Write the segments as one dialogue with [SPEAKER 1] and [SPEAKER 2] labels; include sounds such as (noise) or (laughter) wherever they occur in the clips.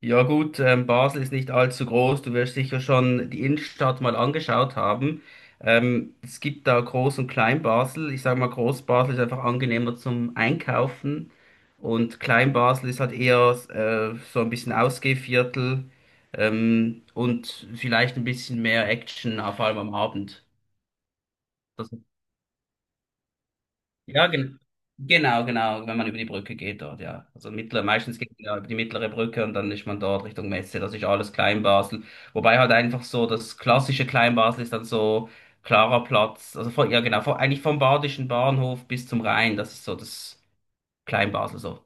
[SPEAKER 1] Ja gut, Basel ist nicht allzu groß. Du wirst sicher schon die Innenstadt mal angeschaut haben. Es gibt da Groß- und Klein-Basel. Ich sage mal, Groß-Basel ist einfach angenehmer zum Einkaufen und Klein-Basel ist halt eher so ein bisschen Ausgehviertel und vielleicht ein bisschen mehr Action, vor allem am Abend. Ja, genau, genau, wenn man über die Brücke geht dort, ja. Also meistens geht man ja über die mittlere Brücke und dann ist man dort Richtung Messe, das ist alles Kleinbasel. Wobei halt einfach so das klassische Kleinbasel ist dann so klarer Platz, also ja genau, von, eigentlich vom Badischen Bahnhof bis zum Rhein, das ist so das Kleinbasel so.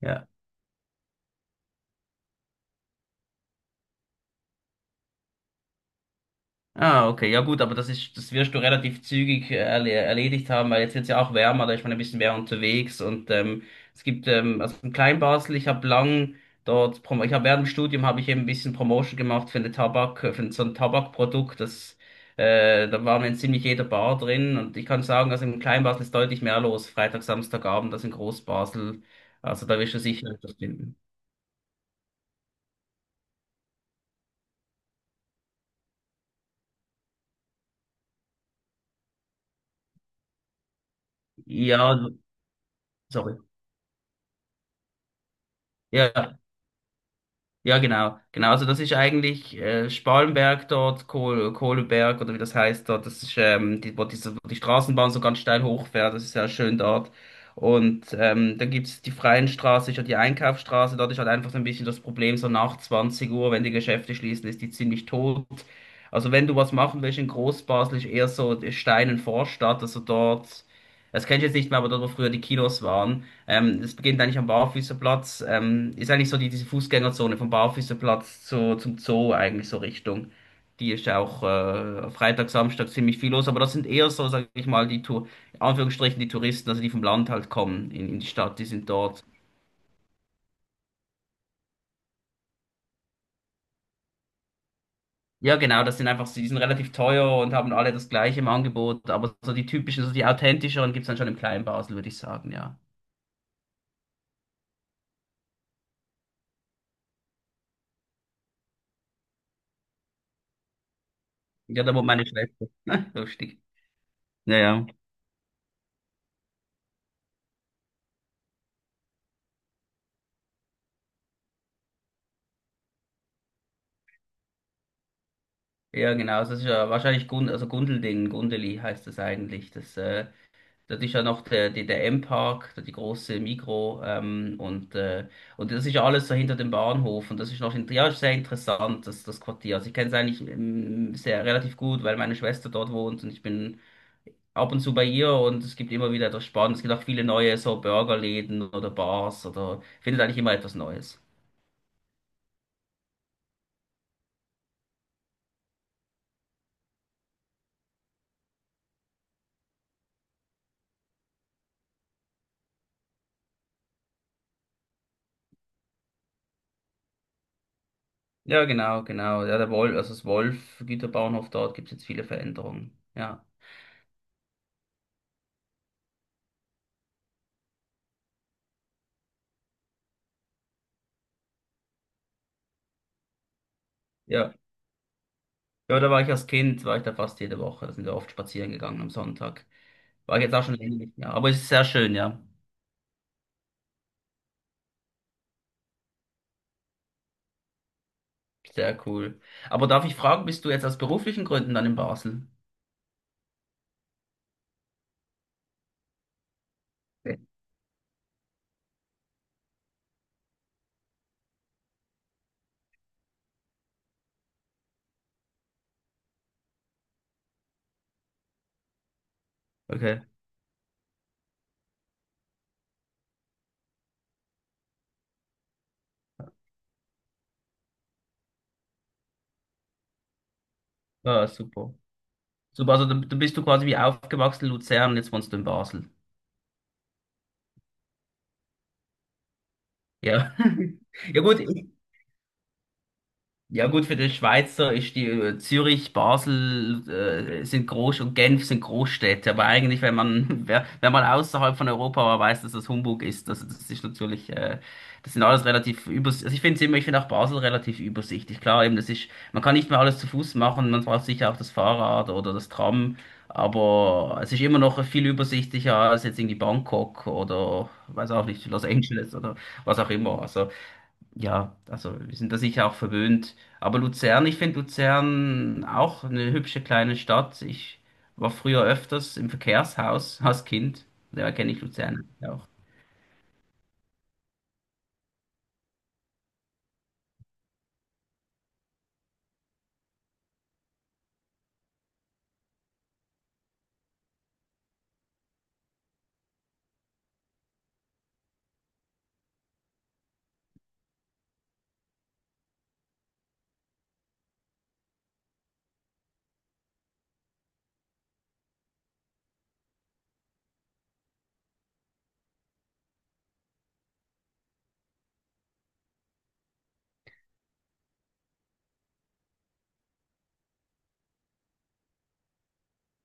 [SPEAKER 1] Ja. Ah, okay, ja gut, aber das wirst du relativ zügig erledigt haben, weil jetzt wird's ja auch wärmer, da ist man ein bisschen mehr unterwegs und es gibt, also in Kleinbasel, ich habe lang dort, prom- ich habe während dem Studium habe ich eben ein bisschen Promotion gemacht für eine Tabak, für so ein Tabakprodukt, da waren wir in ziemlich jeder Bar drin und ich kann sagen, also in Kleinbasel ist deutlich mehr los, Freitag, Samstagabend, als in Großbasel, also da wirst du sicher etwas finden. Ja, sorry. Ja, ja. Ja, genau, genau. Also das ist eigentlich Spalenberg dort, Kohleberg oder wie das heißt dort. Das ist, wo die Straßenbahn so ganz steil hochfährt. Das ist ja schön dort. Und dann gibt's die freien Straße, ist ja die Einkaufsstraße. Dort ist halt einfach so ein bisschen das Problem, so nach 20 Uhr, wenn die Geschäfte schließen, ist die ziemlich tot. Also wenn du was machen willst in Großbasel, ist eher so Steinen Vorstadt, also dort, das kenne ich jetzt nicht mehr, aber dort, wo früher die Kinos waren. Das beginnt eigentlich am Barfüßerplatz. Ist eigentlich so diese Fußgängerzone vom Barfüßerplatz zum Zoo eigentlich so Richtung. Die ist ja auch Freitag, Samstag ziemlich viel los, aber das sind eher so, sag ich mal, in Anführungsstrichen die Touristen, also die vom Land halt kommen in die Stadt, die sind dort. Ja, genau, das sind einfach, die sind relativ teuer und haben alle das gleiche im Angebot, aber so die typischen, so die authentischeren gibt es dann schon im kleinen Basel, würde ich sagen, ja. Ja, da wohnt meine Schwester. (laughs) Lustig. Ja, ja. Ja, genau, also das ist ja wahrscheinlich also Gundelding, Gundeli heißt das eigentlich. Das ist ja noch der M-Park, die große Migro, und das ist ja alles so hinter dem Bahnhof und das ist noch in, ja, ist sehr interessant, das Quartier. Also ich kenne es eigentlich sehr relativ gut, weil meine Schwester dort wohnt und ich bin ab und zu bei ihr und es gibt immer wieder etwas Spannendes. Es gibt auch viele neue so Burgerläden oder Bars oder findet eigentlich immer etwas Neues. Ja, genau, genau. Ja, der Wolf, also das Wolf-Güterbahnhof dort gibt es jetzt viele Veränderungen. Ja. Ja. Ja, da war ich als Kind, war ich da fast jede Woche. Da sind wir oft spazieren gegangen am Sonntag. War ich jetzt auch schon länger nicht mehr. Aber es ist sehr schön, ja. Sehr cool. Aber darf ich fragen, bist du jetzt aus beruflichen Gründen dann in Basel? Nee. Okay. Ah, super. Super, also dann bist du quasi wie aufgewachsen in Luzern, jetzt wohnst du in Basel. Ja. (laughs) Ja gut, ich, Ja gut, für den Schweizer ist die Zürich, Basel sind Groß und Genf sind Großstädte, aber eigentlich, wenn man (laughs) wenn man außerhalb von Europa war, weiß, dass das Humbug ist. Also das ist natürlich, das sind alles relativ übersichtlich. Also ich finde immer, ich finde auch Basel relativ übersichtlich. Klar, eben, man kann nicht mehr alles zu Fuß machen, man braucht sicher auch das Fahrrad oder das Tram, aber es ist immer noch viel übersichtlicher als jetzt irgendwie Bangkok oder weiß auch nicht, Los Angeles oder was auch immer. Also ja, also wir sind da sicher auch verwöhnt. Aber Luzern, ich finde Luzern auch eine hübsche kleine Stadt. Ich war früher öfters im Verkehrshaus (laughs) als Kind. Daher kenne ich Luzern auch.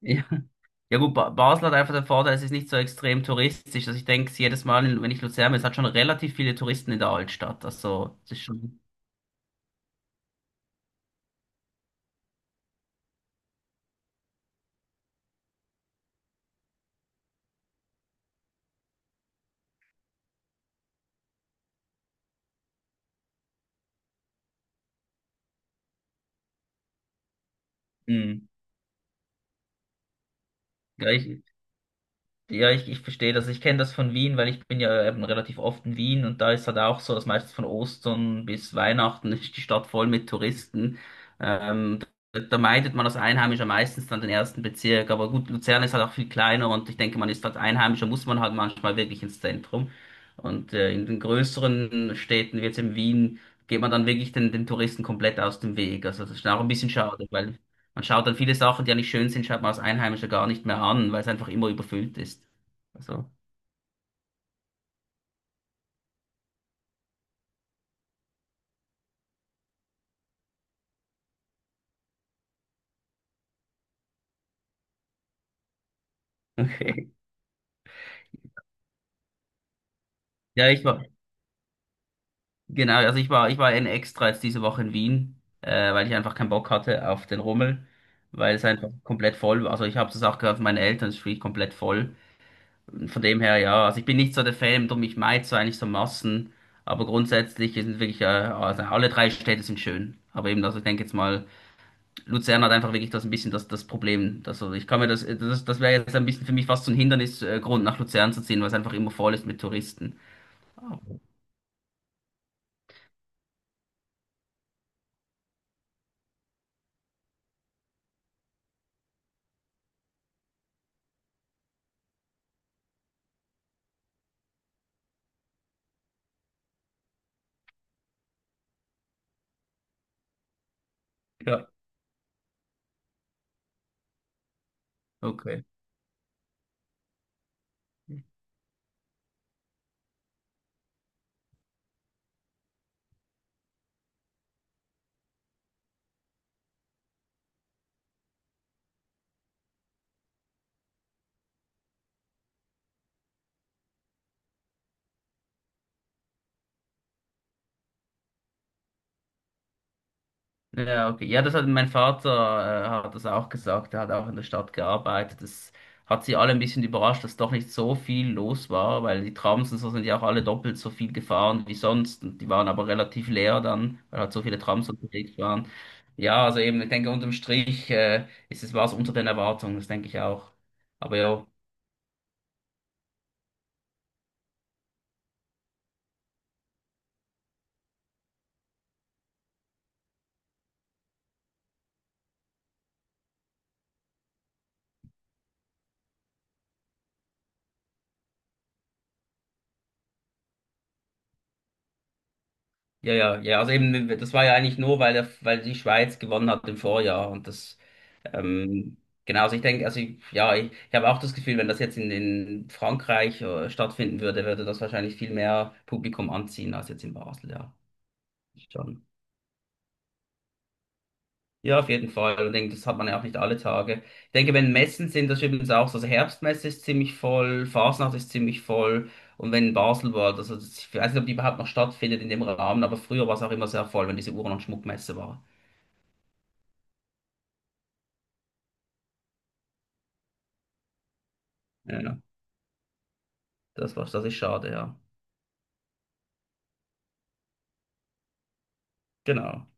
[SPEAKER 1] Ja, ja gut, ba Basel hat einfach den Vorteil, es ist nicht so extrem touristisch. Also ich denke, jedes Mal, wenn ich Luzern bin, es hat schon relativ viele Touristen in der Altstadt. Also es ist schon... Mh. Ja, ich, Ja, ich verstehe das. Ich kenne das von Wien, weil ich bin ja eben relativ oft in Wien und da ist halt auch so, dass meistens von Ostern bis Weihnachten ist die Stadt voll mit Touristen. Ähm, da meidet man als Einheimischer meistens dann den ersten Bezirk. Aber gut, Luzern ist halt auch viel kleiner und ich denke, man ist als Einheimischer, muss man halt manchmal wirklich ins Zentrum. Und in den größeren Städten, wie jetzt in Wien, geht man dann wirklich den Touristen komplett aus dem Weg. Also das ist auch ein bisschen schade, weil man schaut dann viele Sachen, die ja nicht schön sind, schaut man als Einheimischer gar nicht mehr an, weil es einfach immer überfüllt ist. Also, Okay. ja, ich war, genau, also ich war in extra jetzt diese Woche in Wien, weil ich einfach keinen Bock hatte auf den Rummel, weil es einfach komplett voll war. Also ich habe das auch gehört von meinen Eltern, es ist wirklich komplett voll. Von dem her, ja, also ich bin nicht so der Fan, darum ich meide so eigentlich so Massen, aber grundsätzlich sind wirklich, also alle drei Städte sind schön. Aber eben, also ich denke jetzt mal, Luzern hat einfach wirklich das ein bisschen das, das Problem. Also ich kann mir das wäre jetzt ein bisschen für mich fast so ein Hindernisgrund, nach Luzern zu ziehen, weil es einfach immer voll ist mit Touristen. Ja, Okay. Ja, okay. Ja, das hat mein Vater, hat das auch gesagt. Er hat auch in der Stadt gearbeitet. Das hat sie alle ein bisschen überrascht, dass doch nicht so viel los war, weil die Trams und so sind ja auch alle doppelt so viel gefahren wie sonst. Und die waren aber relativ leer dann, weil halt so viele Trams unterwegs waren. Ja, also eben, ich denke, unterm Strich, war es unter den Erwartungen, das denke ich auch. Aber ja, Ja, ja, ja. Also eben, das war ja eigentlich nur, weil die Schweiz gewonnen hat im Vorjahr. Ähm, genau, also ich denke, ich habe auch das Gefühl, wenn das jetzt in Frankreich stattfinden würde, würde das wahrscheinlich viel mehr Publikum anziehen als jetzt in Basel, ja. Schon. Ja, auf jeden Fall. Und ich denke, das hat man ja auch nicht alle Tage. Ich denke, wenn Messen sind, das ist übrigens auch so. Also Herbstmesse ist ziemlich voll, Fasnacht ist ziemlich voll. Und wenn Basel war, also ich weiß nicht, ob die überhaupt noch stattfindet in dem Rahmen, aber früher war es auch immer sehr voll, wenn diese Uhren- und Schmuckmesse war. Ja, ja. das war das ist schade, ja. Genau.